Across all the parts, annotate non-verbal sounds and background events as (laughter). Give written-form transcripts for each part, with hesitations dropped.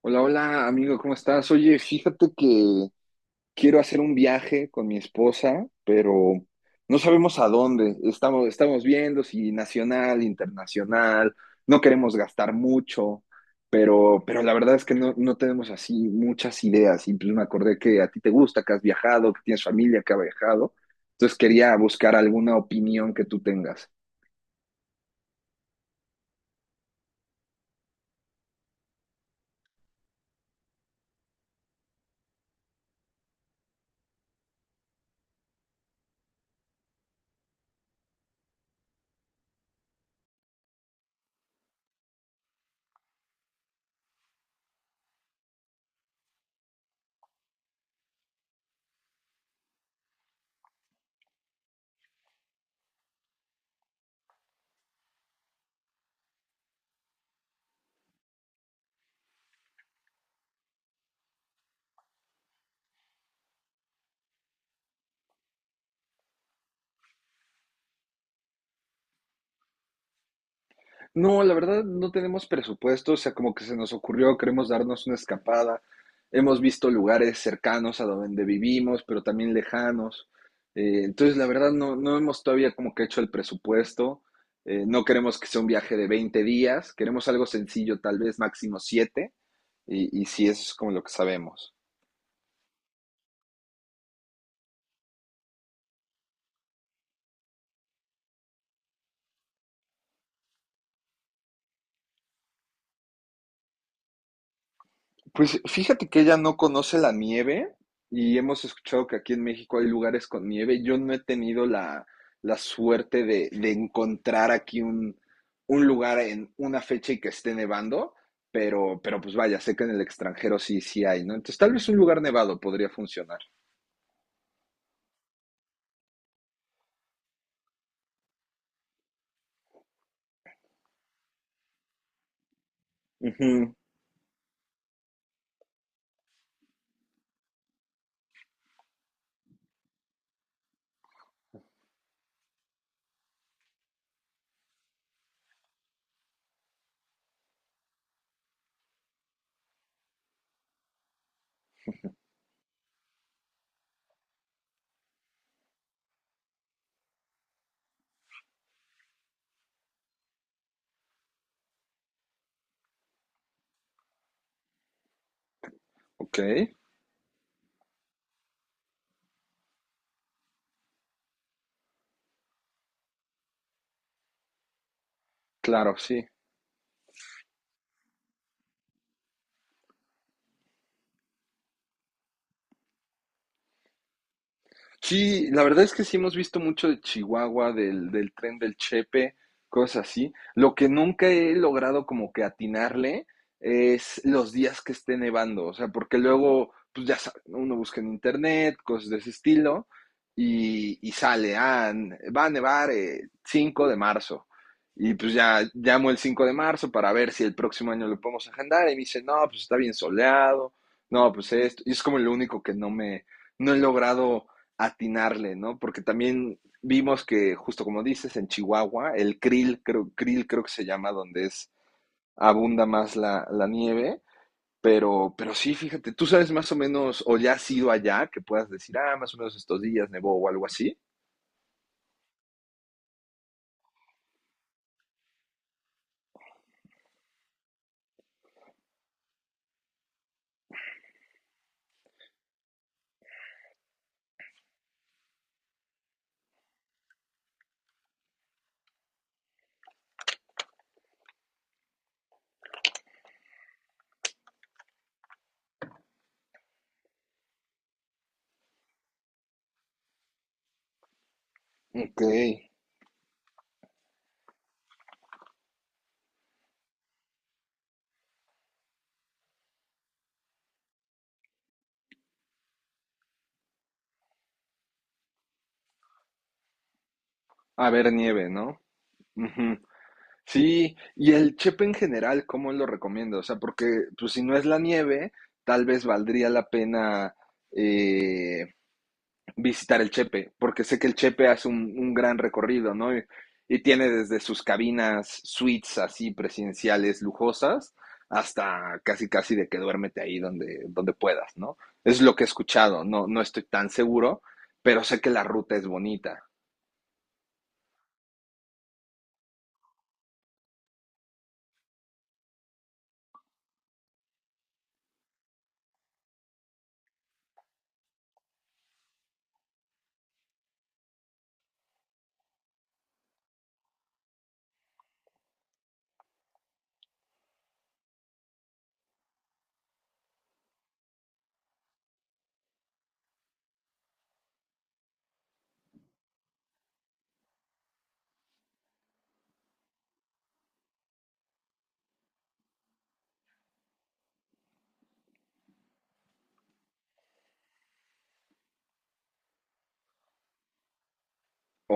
Hola, hola, amigo, ¿cómo estás? Oye, fíjate que quiero hacer un viaje con mi esposa, pero no sabemos a dónde. Estamos viendo si nacional, internacional, no queremos gastar mucho, pero la verdad es que no tenemos así muchas ideas. Y pues me acordé que a ti te gusta, que has viajado, que tienes familia que ha viajado. Entonces quería buscar alguna opinión que tú tengas. No, la verdad no tenemos presupuesto, o sea, como que se nos ocurrió, queremos darnos una escapada. Hemos visto lugares cercanos a donde vivimos, pero también lejanos. Entonces, la verdad no hemos todavía como que hecho el presupuesto. No queremos que sea un viaje de 20 días, queremos algo sencillo, tal vez máximo 7, y si eso es como lo que sabemos. Pues fíjate que ella no conoce la nieve y hemos escuchado que aquí en México hay lugares con nieve. Yo no he tenido la, suerte de encontrar aquí un lugar en una fecha y que esté nevando, pero pues vaya, sé que en el extranjero sí, sí hay, ¿no? Entonces tal vez un lugar nevado podría funcionar. Ujú. Ok. Claro, sí. Sí, la verdad es que sí hemos visto mucho de Chihuahua, del tren del Chepe, cosas así. Lo que nunca he logrado como que atinarle es los días que esté nevando, o sea, porque luego, pues ya sabe, ¿no? uno busca en internet, cosas de ese estilo, y sale, ah, va a nevar 5 de marzo. Y pues ya llamo el 5 de marzo para ver si el próximo año lo podemos agendar, y me dice, no, pues está bien soleado, no, pues esto, y es como lo único que no me, no he logrado atinarle, ¿no? Porque también vimos que, justo como dices, en Chihuahua, el krill creo que se llama, donde es abunda más la, nieve, pero sí, fíjate, tú sabes más o menos, o ya has ido allá, que puedas decir, ah, más o menos estos días nevó o algo así. Ok. A ver, nieve, ¿no? Ujú. Sí, y el chepe en general, ¿cómo lo recomiendo? O sea, porque pues si no es la nieve, tal vez valdría la pena eh, visitar el Chepe, porque sé que el Chepe hace un, gran recorrido, ¿no? Y tiene desde sus cabinas suites así presidenciales lujosas hasta casi casi de que duérmete ahí donde puedas, ¿no? Es lo que he escuchado, no estoy tan seguro, pero sé que la ruta es bonita.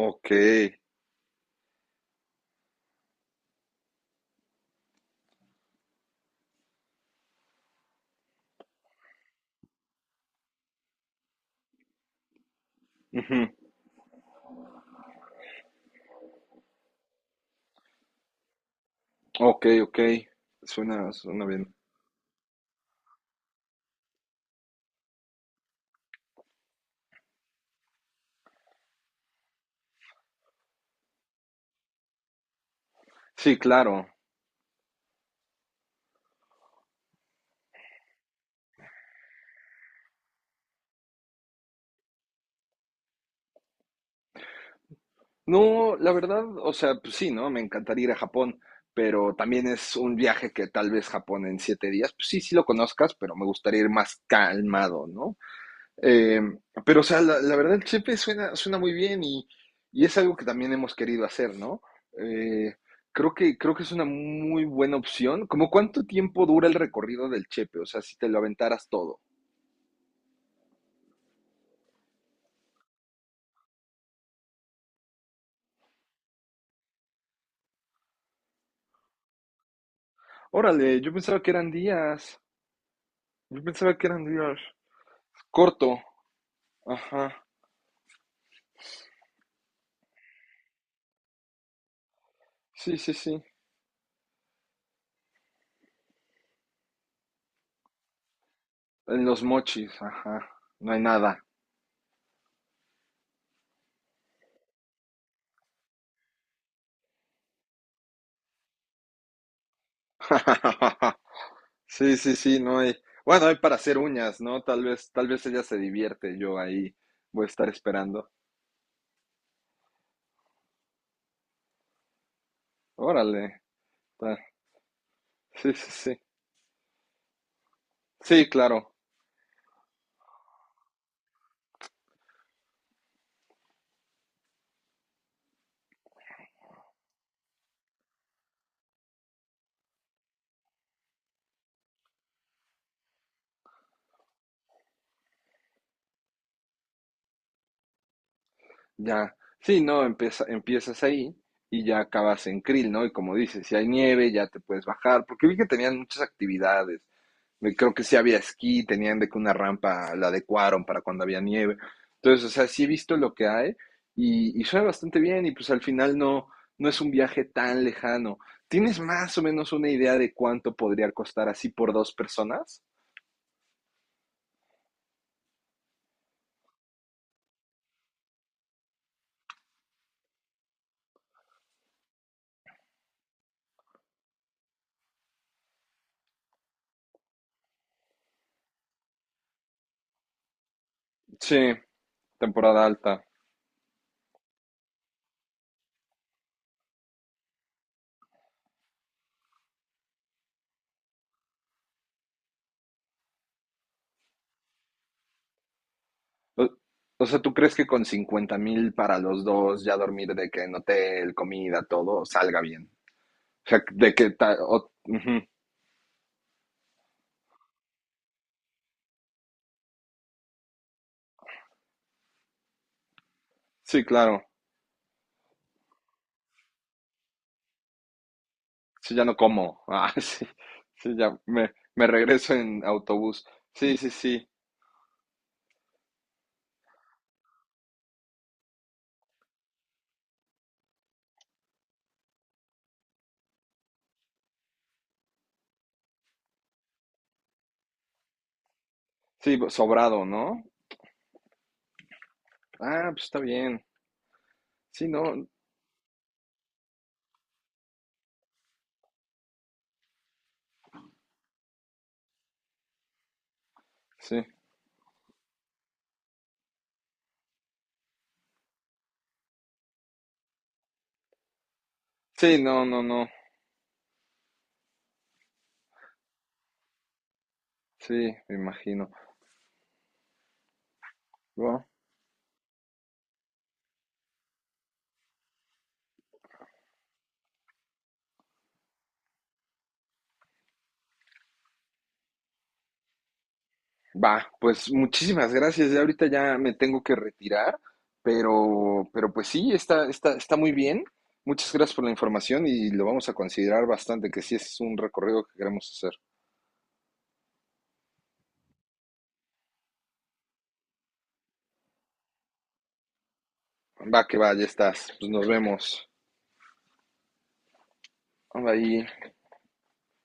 Ok. Ujú. Ok, ok, suena, suena bien. Sí, claro. No, la verdad, o sea, pues sí, ¿no? Me encantaría ir a Japón, pero también es un viaje que tal vez Japón en 7 días, pues sí, sí lo conozcas, pero me gustaría ir más calmado, ¿no? Eh, pero, o sea, la, verdad, el chepe suena, suena muy bien y es algo que también hemos querido hacer, ¿no? Eh, creo que es una muy buena opción. ¿Cómo cuánto tiempo dura el recorrido del chepe? O sea, si te lo aventaras todo. Órale, yo pensaba que eran días. Yo pensaba que eran días. Corto. Ajá. Sí, sí, sí. En los mochis, ajá. No hay nada. (laughs) Sí, sí, sí, no hay. Bueno, hay para hacer uñas, ¿no? Tal vez ella se divierte, yo ahí voy a estar esperando. Órale. ta- Sí, sí, sí. Sí, claro. Ya. Sí, no, empiezas ahí y ya acabas en Krill, ¿no? Y como dices, si hay nieve, ya te puedes bajar, porque vi que tenían muchas actividades. Creo que sí había esquí, tenían de que una rampa la adecuaron para cuando había nieve. Entonces, o sea, sí he visto lo que hay y suena bastante bien y pues al final no es un viaje tan lejano. ¿Tienes más o menos una idea de cuánto podría costar así por dos personas? Sí, temporada alta. O, o sea, ¿tú crees que con 50,000 para los dos, ya dormir de que en hotel, comida, todo, salga bien? O sea, de que... ta- o- ujú. Sí, claro. Sí, ya no como. Ah, (laughs) sí, sí, ya me regreso en autobús. Sí, sí, sí, sí, sobrado, ¿no? Ah, pues está bien. Sí, no, sí, sí, no, no, no, sí, me imagino. Bueno, va, pues muchísimas gracias. Ya ahorita ya me tengo que retirar, pero pues sí, está, está, está muy bien. Muchas gracias por la información y lo vamos a considerar bastante, que sí es un recorrido que queremos hacer. Va, que va, ya estás. Pues nos vemos. Bye.